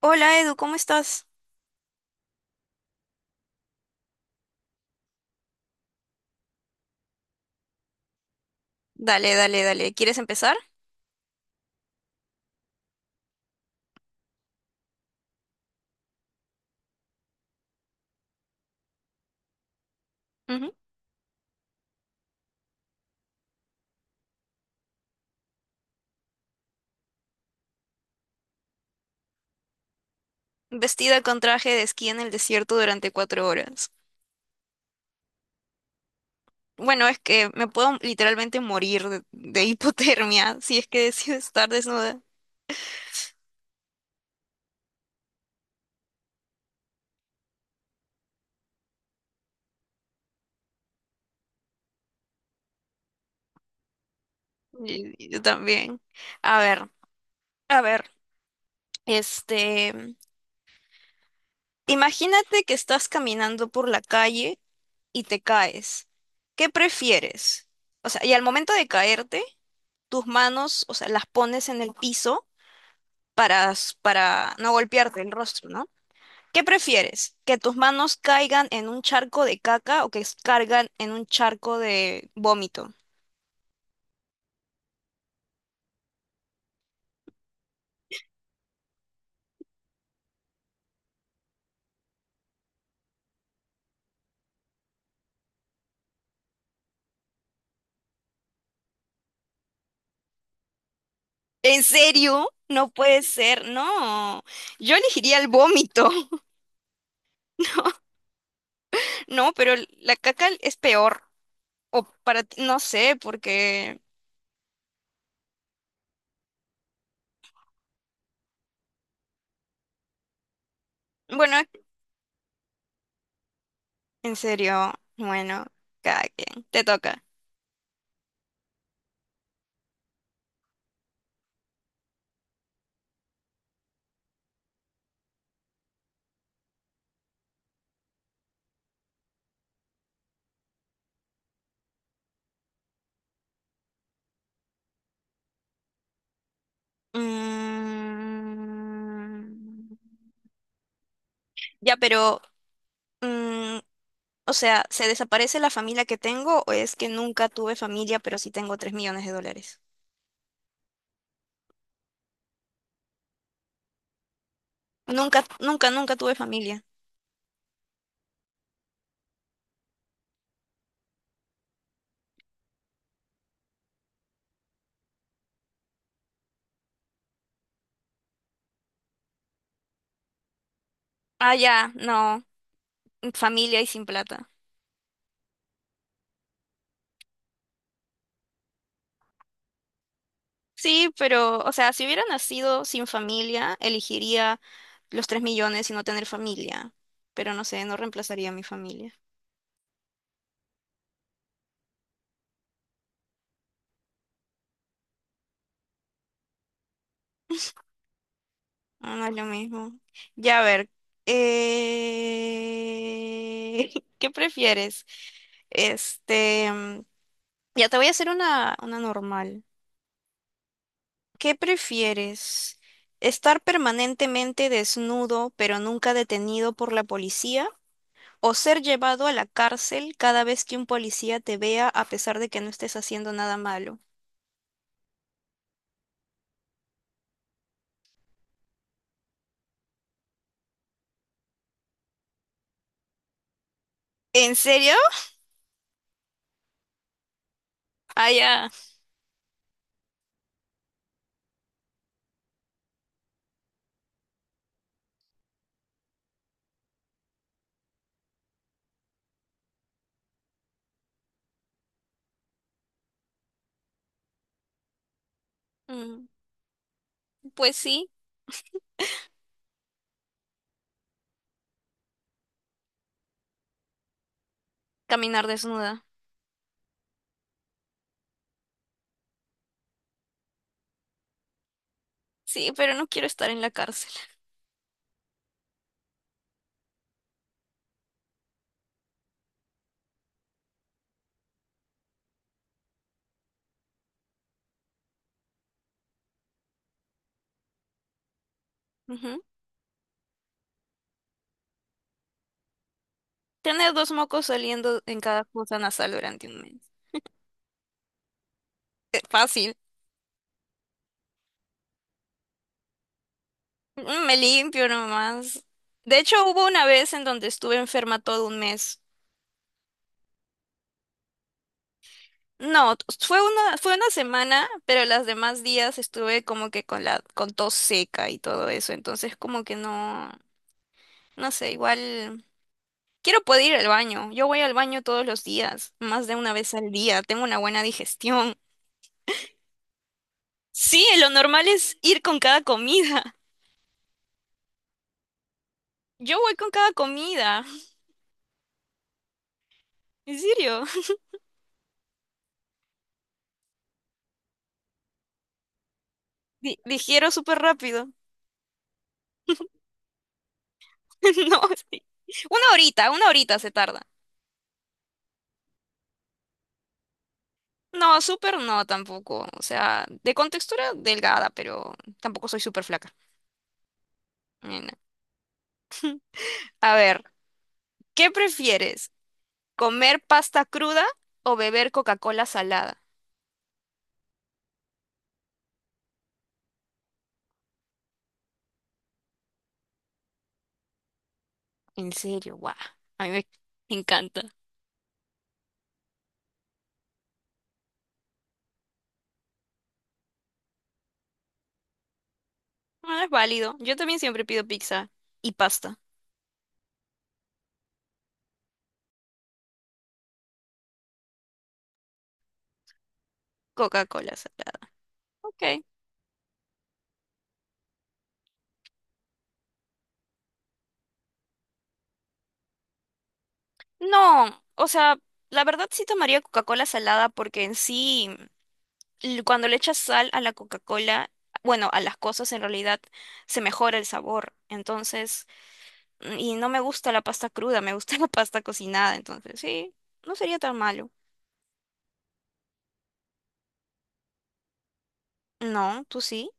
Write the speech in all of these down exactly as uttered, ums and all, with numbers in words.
Hola Edu, ¿cómo estás? Dale, dale, dale. ¿Quieres empezar? Ujú. Vestida con traje de esquí en el desierto durante cuatro horas. Bueno, es que me puedo literalmente morir de, de hipotermia si es que decido estar desnuda. Y- y Yo también. A ver, a ver. Este, imagínate que estás caminando por la calle y te caes. ¿Qué prefieres? O sea, y al momento de caerte, tus manos, o sea, las pones en el piso para, s- para no golpearte el rostro, ¿no? ¿Qué prefieres? ¿Que tus manos caigan en un charco de caca o que s- caigan en un charco de vómito? ¿En serio? No puede ser, no. Yo elegiría el vómito. No, pero el- la caca es peor. O para ti, no sé, porque. Bueno, en serio, bueno, cada quien. Te toca. Mm, ya, pero, mm, o sea, ¿se desaparece la familia que tengo o es que nunca tuve familia, pero sí tengo tres millones de dólares? Nunca, nunca, nunca tuve familia. Ah, ya, no, familia y sin plata. Sí, pero, o sea, si hubiera nacido sin familia, elegiría los tres millones y no tener familia. Pero no sé, no reemplazaría a mi familia. Ah, no es lo mismo. Ya, a ver. eh, ¿Qué prefieres? Este, mm, ya te voy a hacer una, una normal. ¿Qué prefieres? ¿Estar permanentemente desnudo pero nunca detenido por la policía? ¿O ser llevado a la cárcel cada vez que un policía te vea a pesar de que no estés haciendo nada malo? ¿En serio? Ah, ya. Mm, pues sí, caminar desnuda. Sí, pero no quiero estar en la cárcel. Ujú. Tener dos mocos saliendo en cada fosa nasal durante un mes. Eh, Fácil. Mm, Me limpio nomás. De hecho, hubo una vez en donde estuve enferma todo un mes. No, t- fue una, fue una semana, pero los demás días estuve como que con la, con tos seca y todo eso. Entonces como que no, no sé, igual quiero poder ir al baño. Yo voy al baño todos los días, más de una vez al día. Tengo una buena digestión. Sí, lo normal es ir con cada comida. Yo voy con cada comida. En serio. Di- digiero súper rápido. No, sí. Una horita, una horita se tarda. No, súper no tampoco. O sea, de contextura delgada, pero tampoco soy súper flaca. Ni nada. A ver, ¿qué prefieres? ¿Comer pasta cruda o beber Coca-Cola salada? En serio, guau. A mí me encanta. Bueno, es válido. Yo también siempre pido pizza y pasta. Coca-Cola salada. Ok. No, o sea, la verdad sí tomaría Coca-Cola salada porque en sí. L- cuando le echas sal a la Coca-Cola, bueno, a las cosas en realidad se mejora el sabor. Entonces, mm, y no me gusta la pasta cruda, me gusta la pasta cocinada. Entonces, sí, no sería tan malo. No, tú sí.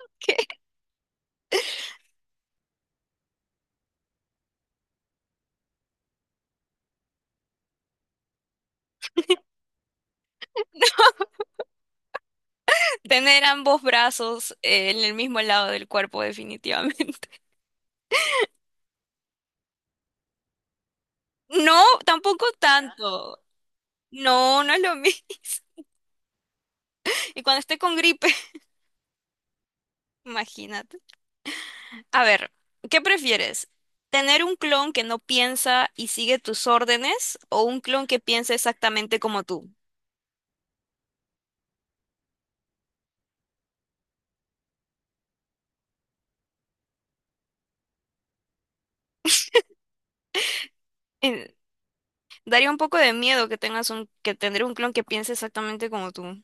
Tener ambos brazos eh, en el mismo lado del cuerpo, definitivamente. No, tampoco tanto. No, no es lo mismo. Y cuando esté con gripe, imagínate. A ver, ¿qué prefieres? ¿Tener un clon que no piensa y sigue tus órdenes o un clon que piensa exactamente como tú? Eh, daría un poco de miedo que tengas un, que tener un clon que piense exactamente como tú.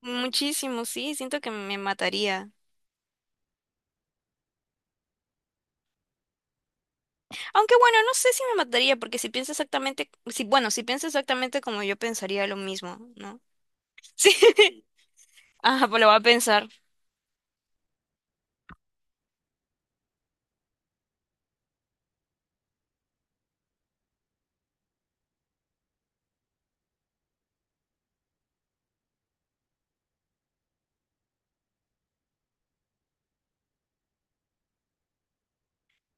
Muchísimo, sí, siento que me mataría. Aunque bueno, no sé si me mataría, porque si piensa exactamente, si, bueno, si piensa exactamente como yo pensaría lo mismo, ¿no? Sí. Ah, pues lo va a pensar.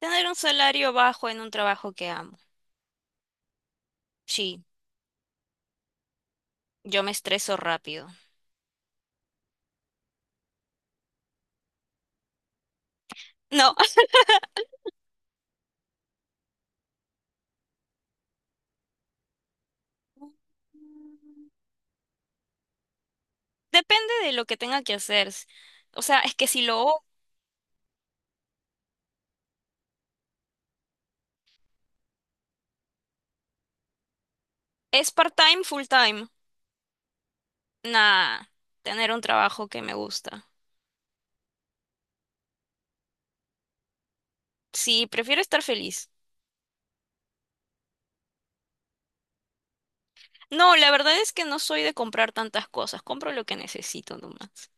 Tener un salario bajo en un trabajo que amo. Sí, yo me estreso rápido. No. Depende de lo que tenga que hacer. O sea, es que si lo es part-time, full-time, nada, tener un trabajo que me gusta. Sí, prefiero estar feliz. No, la verdad es que no soy de comprar tantas cosas, compro lo que necesito nomás.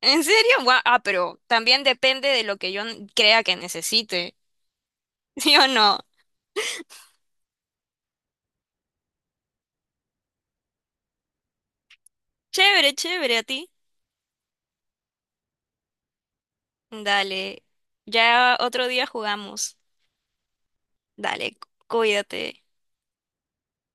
¿En serio? Gua- Ah, pero también depende de lo que yo n- crea que necesite. ¿Sí o no? Chévere, chévere, a ti. Dale, ya otro día jugamos. Dale, cu- cuídate.